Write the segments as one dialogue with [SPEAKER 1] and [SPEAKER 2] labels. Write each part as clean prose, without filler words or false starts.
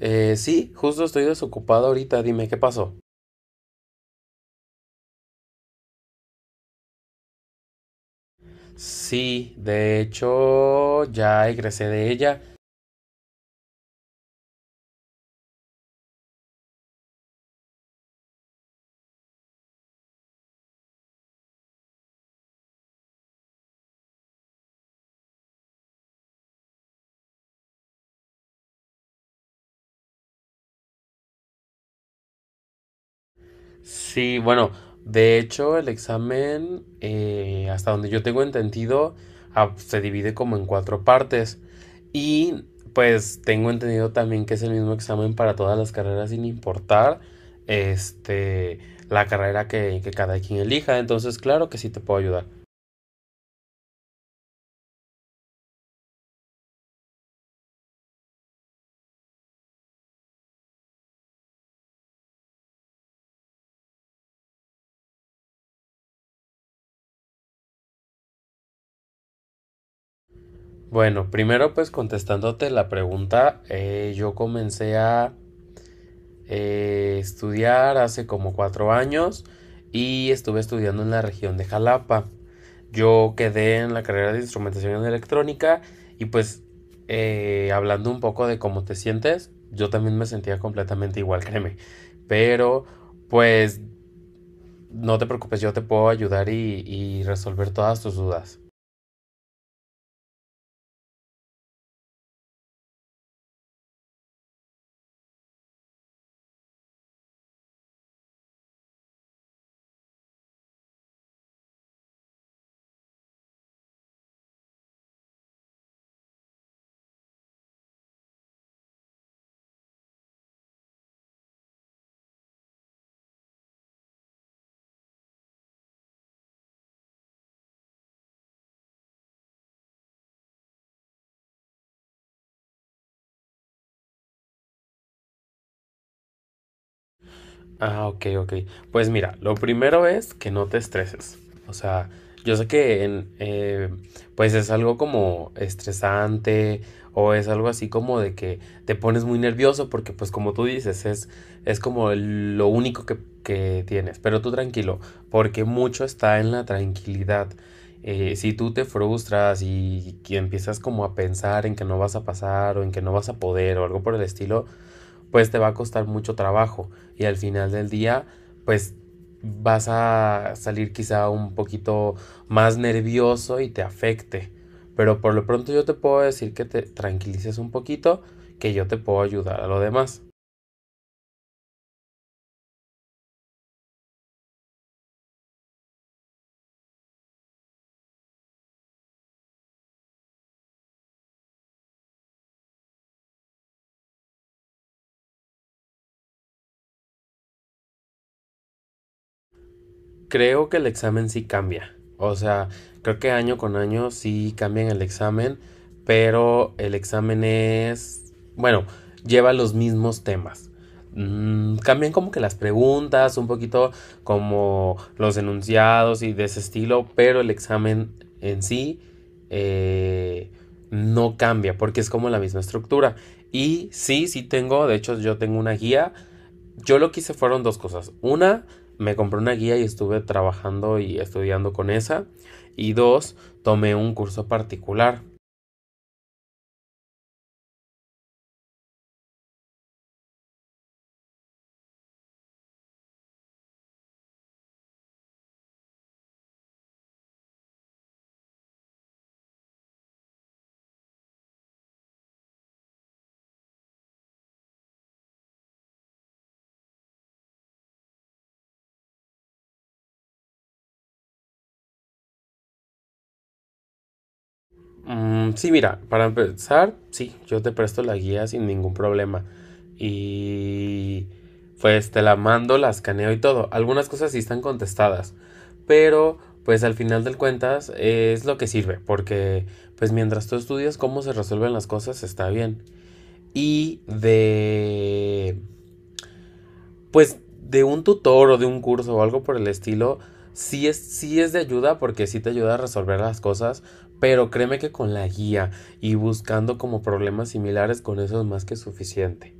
[SPEAKER 1] Sí, justo estoy desocupado ahorita, dime qué pasó. Sí, de hecho, ya egresé de ella. Sí, bueno, de hecho, el examen, hasta donde yo tengo entendido, se divide como en cuatro partes. Y pues tengo entendido también que es el mismo examen para todas las carreras sin importar este, la carrera que cada quien elija. Entonces, claro que sí te puedo ayudar. Bueno, primero pues contestándote la pregunta, yo comencé a estudiar hace como 4 años y estuve estudiando en la región de Jalapa. Yo quedé en la carrera de instrumentación electrónica y pues hablando un poco de cómo te sientes, yo también me sentía completamente igual, créeme. Pero pues no te preocupes, yo te puedo ayudar y resolver todas tus dudas. Ah, ok, ok. Pues mira, lo primero es que no te estreses. O sea, yo sé que en, pues es algo como estresante o es algo así como de que te pones muy nervioso porque pues como tú dices, es como lo único que tienes. Pero tú tranquilo, porque mucho está en la tranquilidad. Si tú te frustras y empiezas como a pensar en que no vas a pasar o en que no vas a poder o algo por el estilo, pues te va a costar mucho trabajo y al final del día, pues vas a salir quizá un poquito más nervioso y te afecte. Pero por lo pronto yo te puedo decir que te tranquilices un poquito, que yo te puedo ayudar a lo demás. Creo que el examen sí cambia. O sea, creo que año con año sí cambian el examen, pero el examen es, bueno, lleva los mismos temas. Cambian como que las preguntas, un poquito como los enunciados y de ese estilo, pero el examen en sí eh, no cambia porque es como la misma estructura. Y sí, sí tengo. De hecho, yo tengo una guía. Yo lo que hice fueron dos cosas. Una, me compré una guía y estuve trabajando y estudiando con esa. Y dos, tomé un curso particular. Mm, sí, mira, para empezar, sí, yo te presto la guía sin ningún problema. Y pues te la mando, la escaneo y todo. Algunas cosas sí están contestadas. Pero pues al final del cuentas es lo que sirve. Porque pues mientras tú estudias cómo se resuelven las cosas está bien. Y de pues de un tutor o de un curso o algo por el estilo, sí es de ayuda porque sí te ayuda a resolver las cosas, pero créeme que con la guía y buscando como problemas similares con eso es más que suficiente.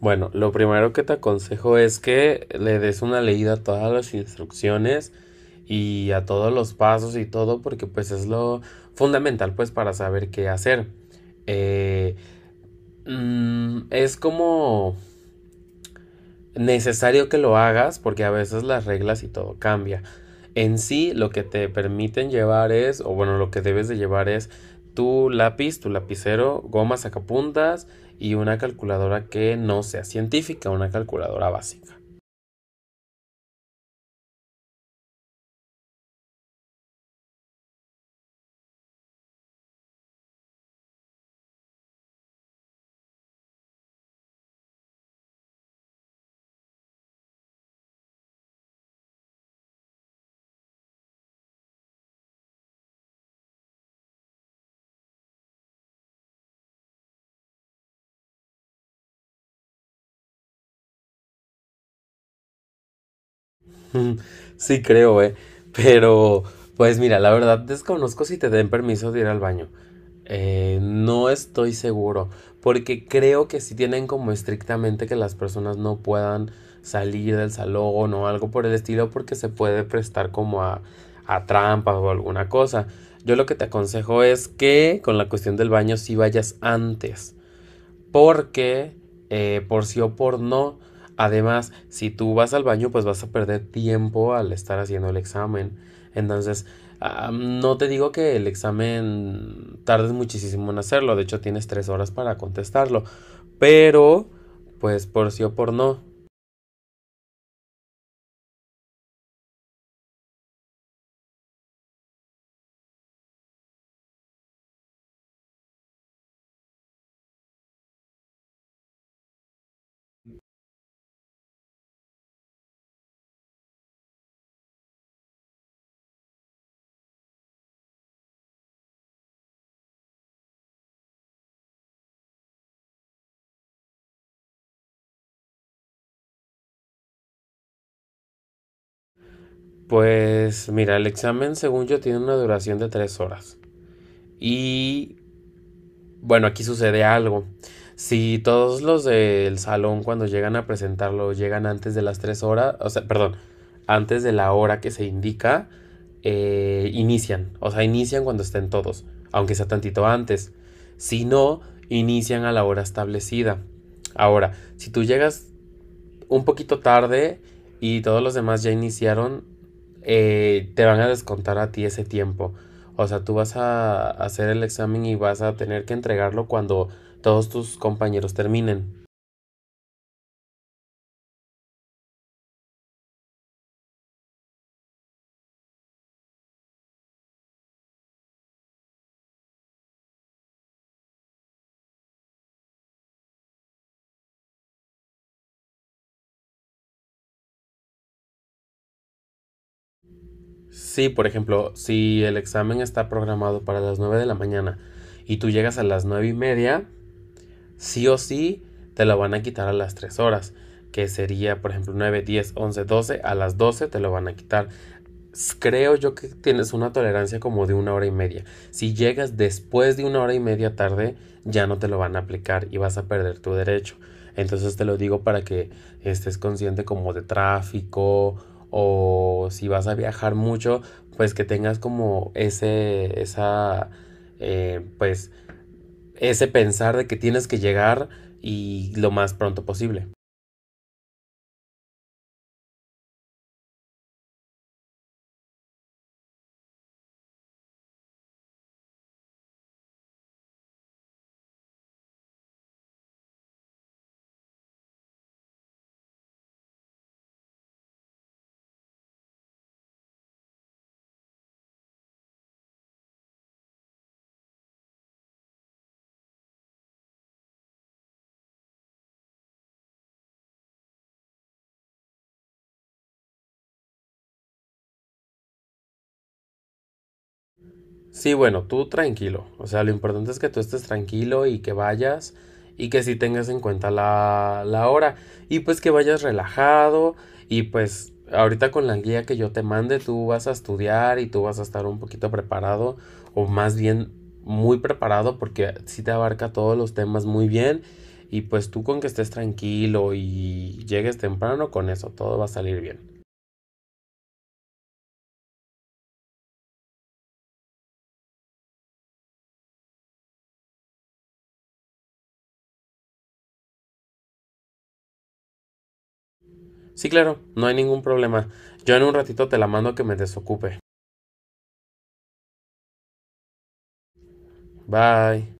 [SPEAKER 1] Bueno, lo primero que te aconsejo es que le des una leída a todas las instrucciones y a todos los pasos y todo porque pues es lo fundamental pues para saber qué hacer. Eh, es como necesario que lo hagas porque a veces las reglas y todo cambia. En sí, lo que te permiten llevar es, o bueno, lo que debes de llevar es tu lápiz, tu lapicero, goma sacapuntas y una calculadora que no sea científica, una calculadora básica. Sí creo. Pero, pues mira, la verdad desconozco si te den permiso de ir al baño. No estoy seguro, porque creo que sí tienen como estrictamente que las personas no puedan salir del salón o algo por el estilo, porque se puede prestar como a trampas o alguna cosa. Yo lo que te aconsejo es que con la cuestión del baño sí vayas antes. Porque, por sí o por no, además, si tú vas al baño, pues vas a perder tiempo al estar haciendo el examen. Entonces, no te digo que el examen tardes muchísimo en hacerlo, de hecho tienes 3 horas para contestarlo, pero, pues por sí o por no, pues mira, el examen según yo tiene una duración de 3 horas. Y bueno, aquí sucede algo. Si todos los del salón cuando llegan a presentarlo llegan antes de las 3 horas, o sea, perdón, antes de la hora que se indica, inician. O sea, inician cuando estén todos, aunque sea tantito antes. Si no, inician a la hora establecida. Ahora, si tú llegas un poquito tarde y todos los demás ya iniciaron, te van a descontar a ti ese tiempo. O sea, tú vas a hacer el examen y vas a tener que entregarlo cuando todos tus compañeros terminen. Sí, por ejemplo, si el examen está programado para las 9 de la mañana y tú llegas a las 9:30, sí o sí te lo van a quitar a las 3 horas, que sería, por ejemplo, 9, 10, 11, 12. A las 12 te lo van a quitar. Creo yo que tienes una tolerancia como de una hora y media. Si llegas después de una hora y media tarde, ya no te lo van a aplicar y vas a perder tu derecho. Entonces te lo digo para que estés consciente como de tráfico o si vas a viajar mucho, pues que tengas como ese, esa, pues ese pensar de que tienes que llegar y lo más pronto posible. Sí, bueno, tú tranquilo. O sea, lo importante es que tú estés tranquilo y que vayas y que sí tengas en cuenta la hora. Y pues que vayas relajado y pues ahorita con la guía que yo te mande tú vas a estudiar y tú vas a estar un poquito preparado o más bien muy preparado porque sí te abarca todos los temas muy bien y pues tú con que estés tranquilo y llegues temprano con eso todo va a salir bien. Sí, claro, no hay ningún problema. Yo en un ratito te la mando que me desocupe. Bye.